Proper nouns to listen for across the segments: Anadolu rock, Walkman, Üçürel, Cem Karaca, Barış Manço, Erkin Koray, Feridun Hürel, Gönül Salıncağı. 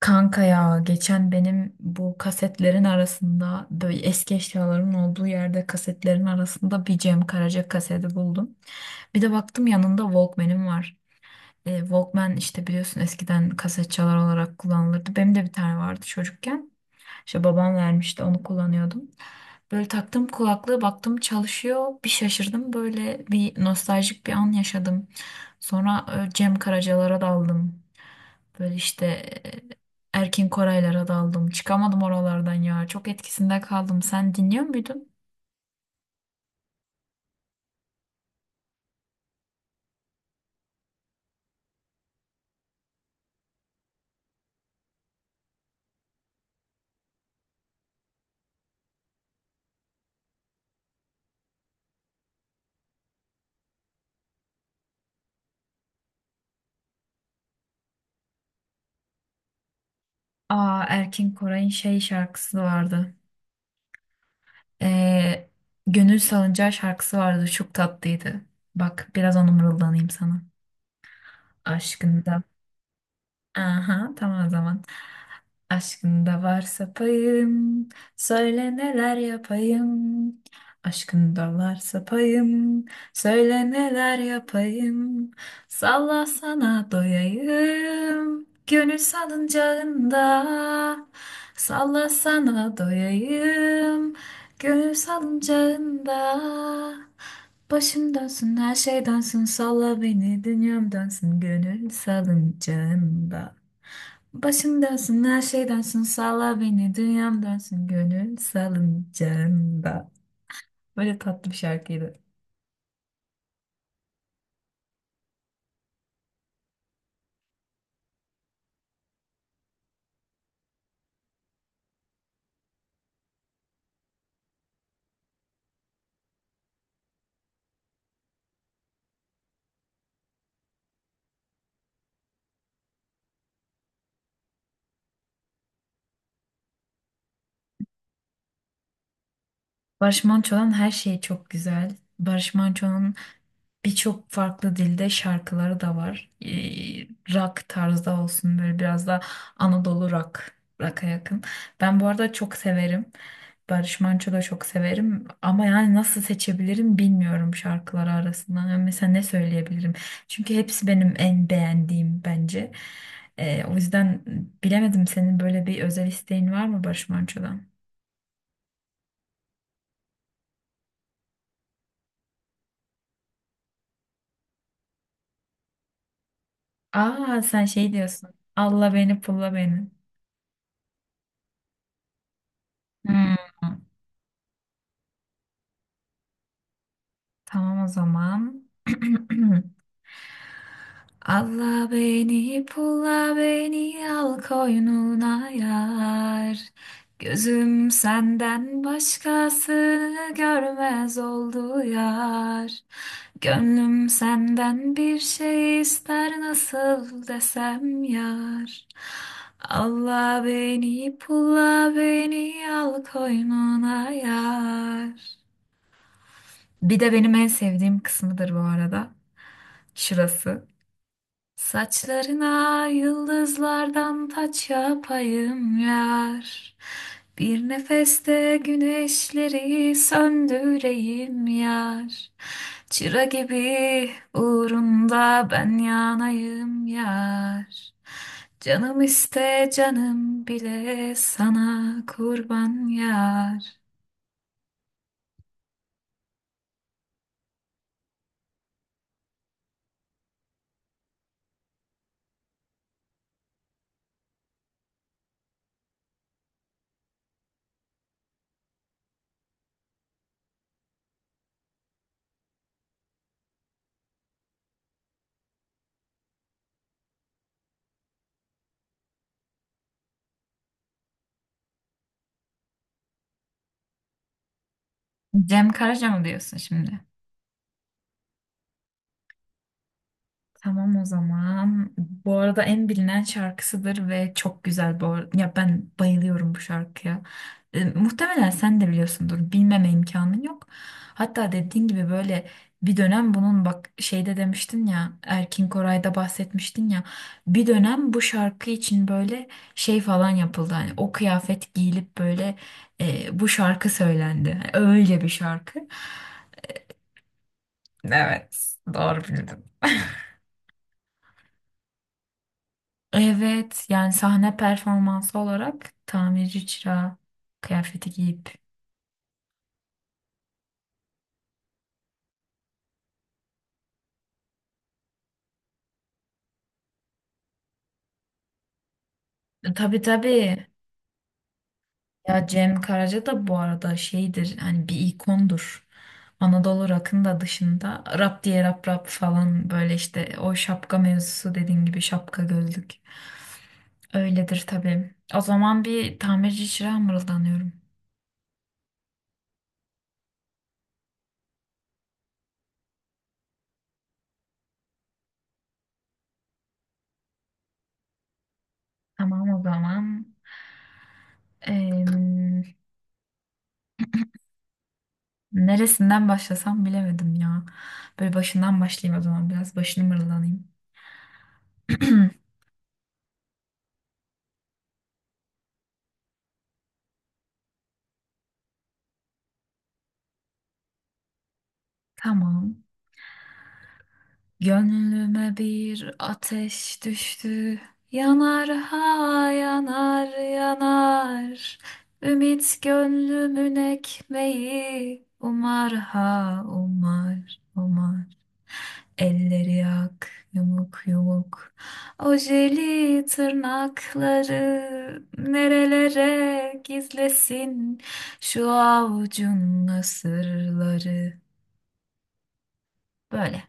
Kanka ya geçen benim bu kasetlerin arasında böyle eski eşyaların olduğu yerde kasetlerin arasında bir Cem Karaca kaseti buldum. Bir de baktım yanında Walkman'im var. Walkman işte biliyorsun eskiden kaset çalar olarak kullanılırdı. Benim de bir tane vardı çocukken. İşte babam vermişti onu kullanıyordum. Böyle taktım kulaklığı baktım çalışıyor. Bir şaşırdım böyle bir nostaljik bir an yaşadım. Sonra Cem Karacalara daldım. Böyle işte e, Erkin Koraylara daldım. Çıkamadım oralardan ya. Çok etkisinde kaldım. Sen dinliyor muydun? Aa, Erkin Koray'ın şey şarkısı vardı. Ee, Gönül Salıncağı şarkısı vardı. Çok tatlıydı. Bak biraz onu mırıldanayım sana. Aşkında. Aha, tamam o zaman. Aşkında varsa payım, söyle neler yapayım. Aşkında varsa payım, söyle neler yapayım. Salla sana doyayım, gönül salıncağında. Salla sana doyayım. Gönül salıncağında, başım dönsün her şey dönsün salla beni dünyam dönsün gönül salıncağında, başım dönsün her şey dönsün salla beni dünyam dönsün gönül salıncağında, böyle tatlı bir şarkıydı. Barış Manço'nun her şeyi çok güzel. Barış Manço'nun birçok farklı dilde şarkıları da var. Rock tarzda olsun böyle biraz da Anadolu rock, rock'a yakın. Ben bu arada çok severim. Barış Manço da çok severim ama yani nasıl seçebilirim bilmiyorum şarkıları arasından. Yani mesela ne söyleyebilirim? Çünkü hepsi benim en beğendiğim bence. O yüzden bilemedim, senin böyle bir özel isteğin var mı Barış Manço'dan? Aa, sen şey diyorsun. Alla beni pulla beni. Hmm. Tamam o zaman. Alla beni pulla beni al koynuna yar. Gözüm senden başkasını görmez oldu yar. Gönlüm senden bir şey ister nasıl desem yar. Alla beni pulla beni al koynuna yar. Bir de benim en sevdiğim kısmıdır bu arada, şurası. Saçlarına yıldızlardan taç yapayım yar. Bir nefeste güneşleri söndüreyim yar. Çıra gibi uğrunda ben yanayım yar. Canım iste canım bile sana kurban yar. Cem Karaca mı diyorsun şimdi? Tamam o zaman. Bu arada en bilinen şarkısıdır ve çok güzel bu ar- ya ben bayılıyorum bu şarkıya. Muhtemelen sen de biliyorsundur. Bilmeme imkanın yok. Hatta dediğin gibi böyle bir dönem bunun bak şeyde demiştin ya, Erkin Koray'da bahsetmiştin ya, bir dönem bu şarkı için böyle şey falan yapıldı. Hani o kıyafet giyilip böyle, bu şarkı söylendi. Hani öyle bir şarkı. Evet, doğru bildin. Evet yani sahne performansı olarak tamirci çırağı kıyafeti giyip. Tabii tabii. Ya Cem Karaca da bu arada şeydir, hani bir ikondur. Anadolu rock'ın da dışında rap diye rap falan böyle işte o şapka mevzusu dediğin gibi, şapka gözlük. Öyledir tabii. O zaman bir tamirci çırağı mırıldanıyorum. Tamam o zaman. Neresinden başlasam bilemedim ya. Böyle başından başlayayım o zaman, biraz başını mırıldanayım. Tamam. Gönlüme bir ateş düştü. Yanar ha yanar yanar. Ümit gönlümün ekmeği. Umar ha umar umar. Elleri yak, yumuk yumuk. Ojeli tırnakları nerelere gizlesin, şu avucun sırları. Böyle.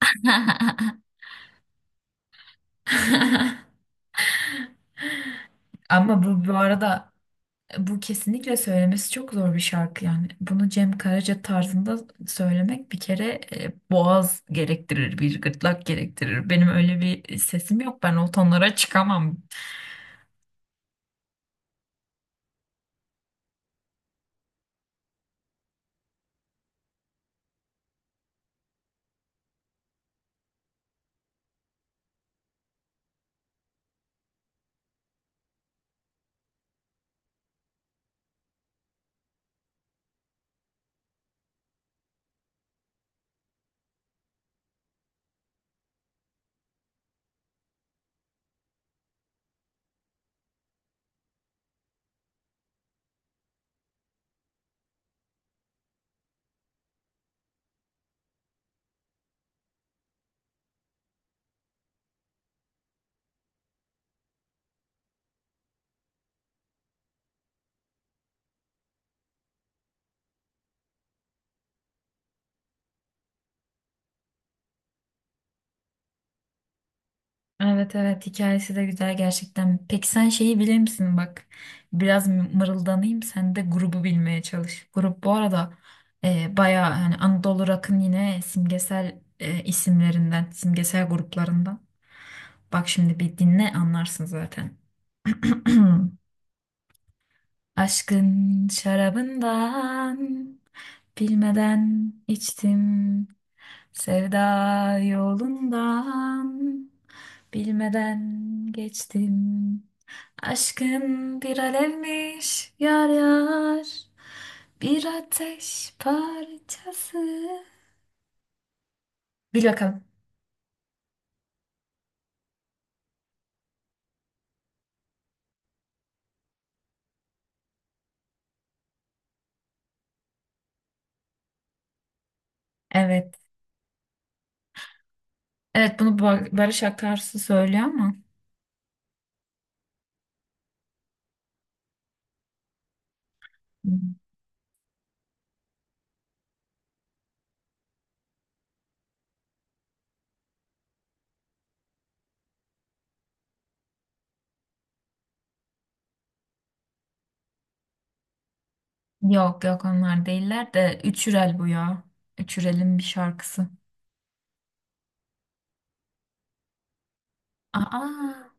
Ama bu arada bu kesinlikle söylemesi çok zor bir şarkı yani. Bunu Cem Karaca tarzında söylemek bir kere boğaz gerektirir, bir gırtlak gerektirir. Benim öyle bir sesim yok. Ben o tonlara çıkamam. Evet evet, hikayesi de güzel gerçekten. Peki sen şeyi bilir misin bak? Biraz mı- mırıldanayım sen de grubu bilmeye çalış. Grup bu arada bayağı hani Anadolu Rock'ın yine simgesel isimlerinden, simgesel gruplarından. Bak şimdi bir dinle anlarsın zaten. Aşkın şarabından bilmeden içtim. Sevda yolundan bilmeden geçtim. Aşkın bir alevmiş yar yar. Bir ateş parçası. Bil bakalım. Evet. Evet bunu Ba- Barış Akarsu söylüyor ama. Hı. Yok yok, onlar değiller de Üçürel bu ya. Üçürel'in bir şarkısı. Aa,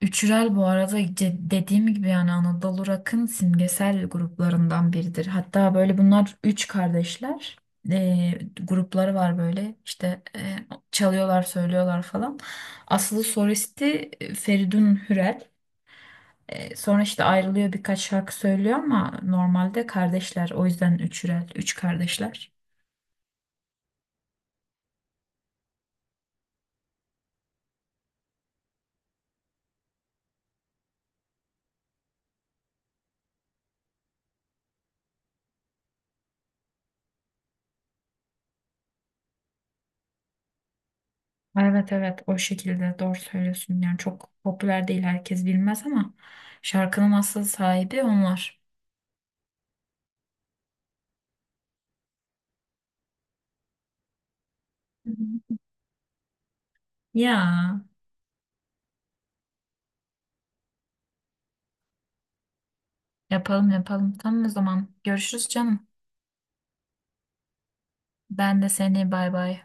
Üçürel bu arada ce- dediğim gibi yani Anadolu Rock'ın simgesel gruplarından biridir. Hatta böyle bunlar üç kardeşler. Grupları var böyle işte, çalıyorlar söylüyorlar falan. Asıl solisti Feridun Hürel. Sonra işte ayrılıyor birkaç şarkı söylüyor ama normalde kardeşler. O yüzden üçürel, üç kardeşler. Evet evet, o şekilde doğru söylüyorsun. Yani çok popüler değil herkes bilmez ama şarkının asıl sahibi onlar. Hı hı. Ya yapalım yapalım. Tamam o zaman, görüşürüz canım. Ben de seni, bay bay.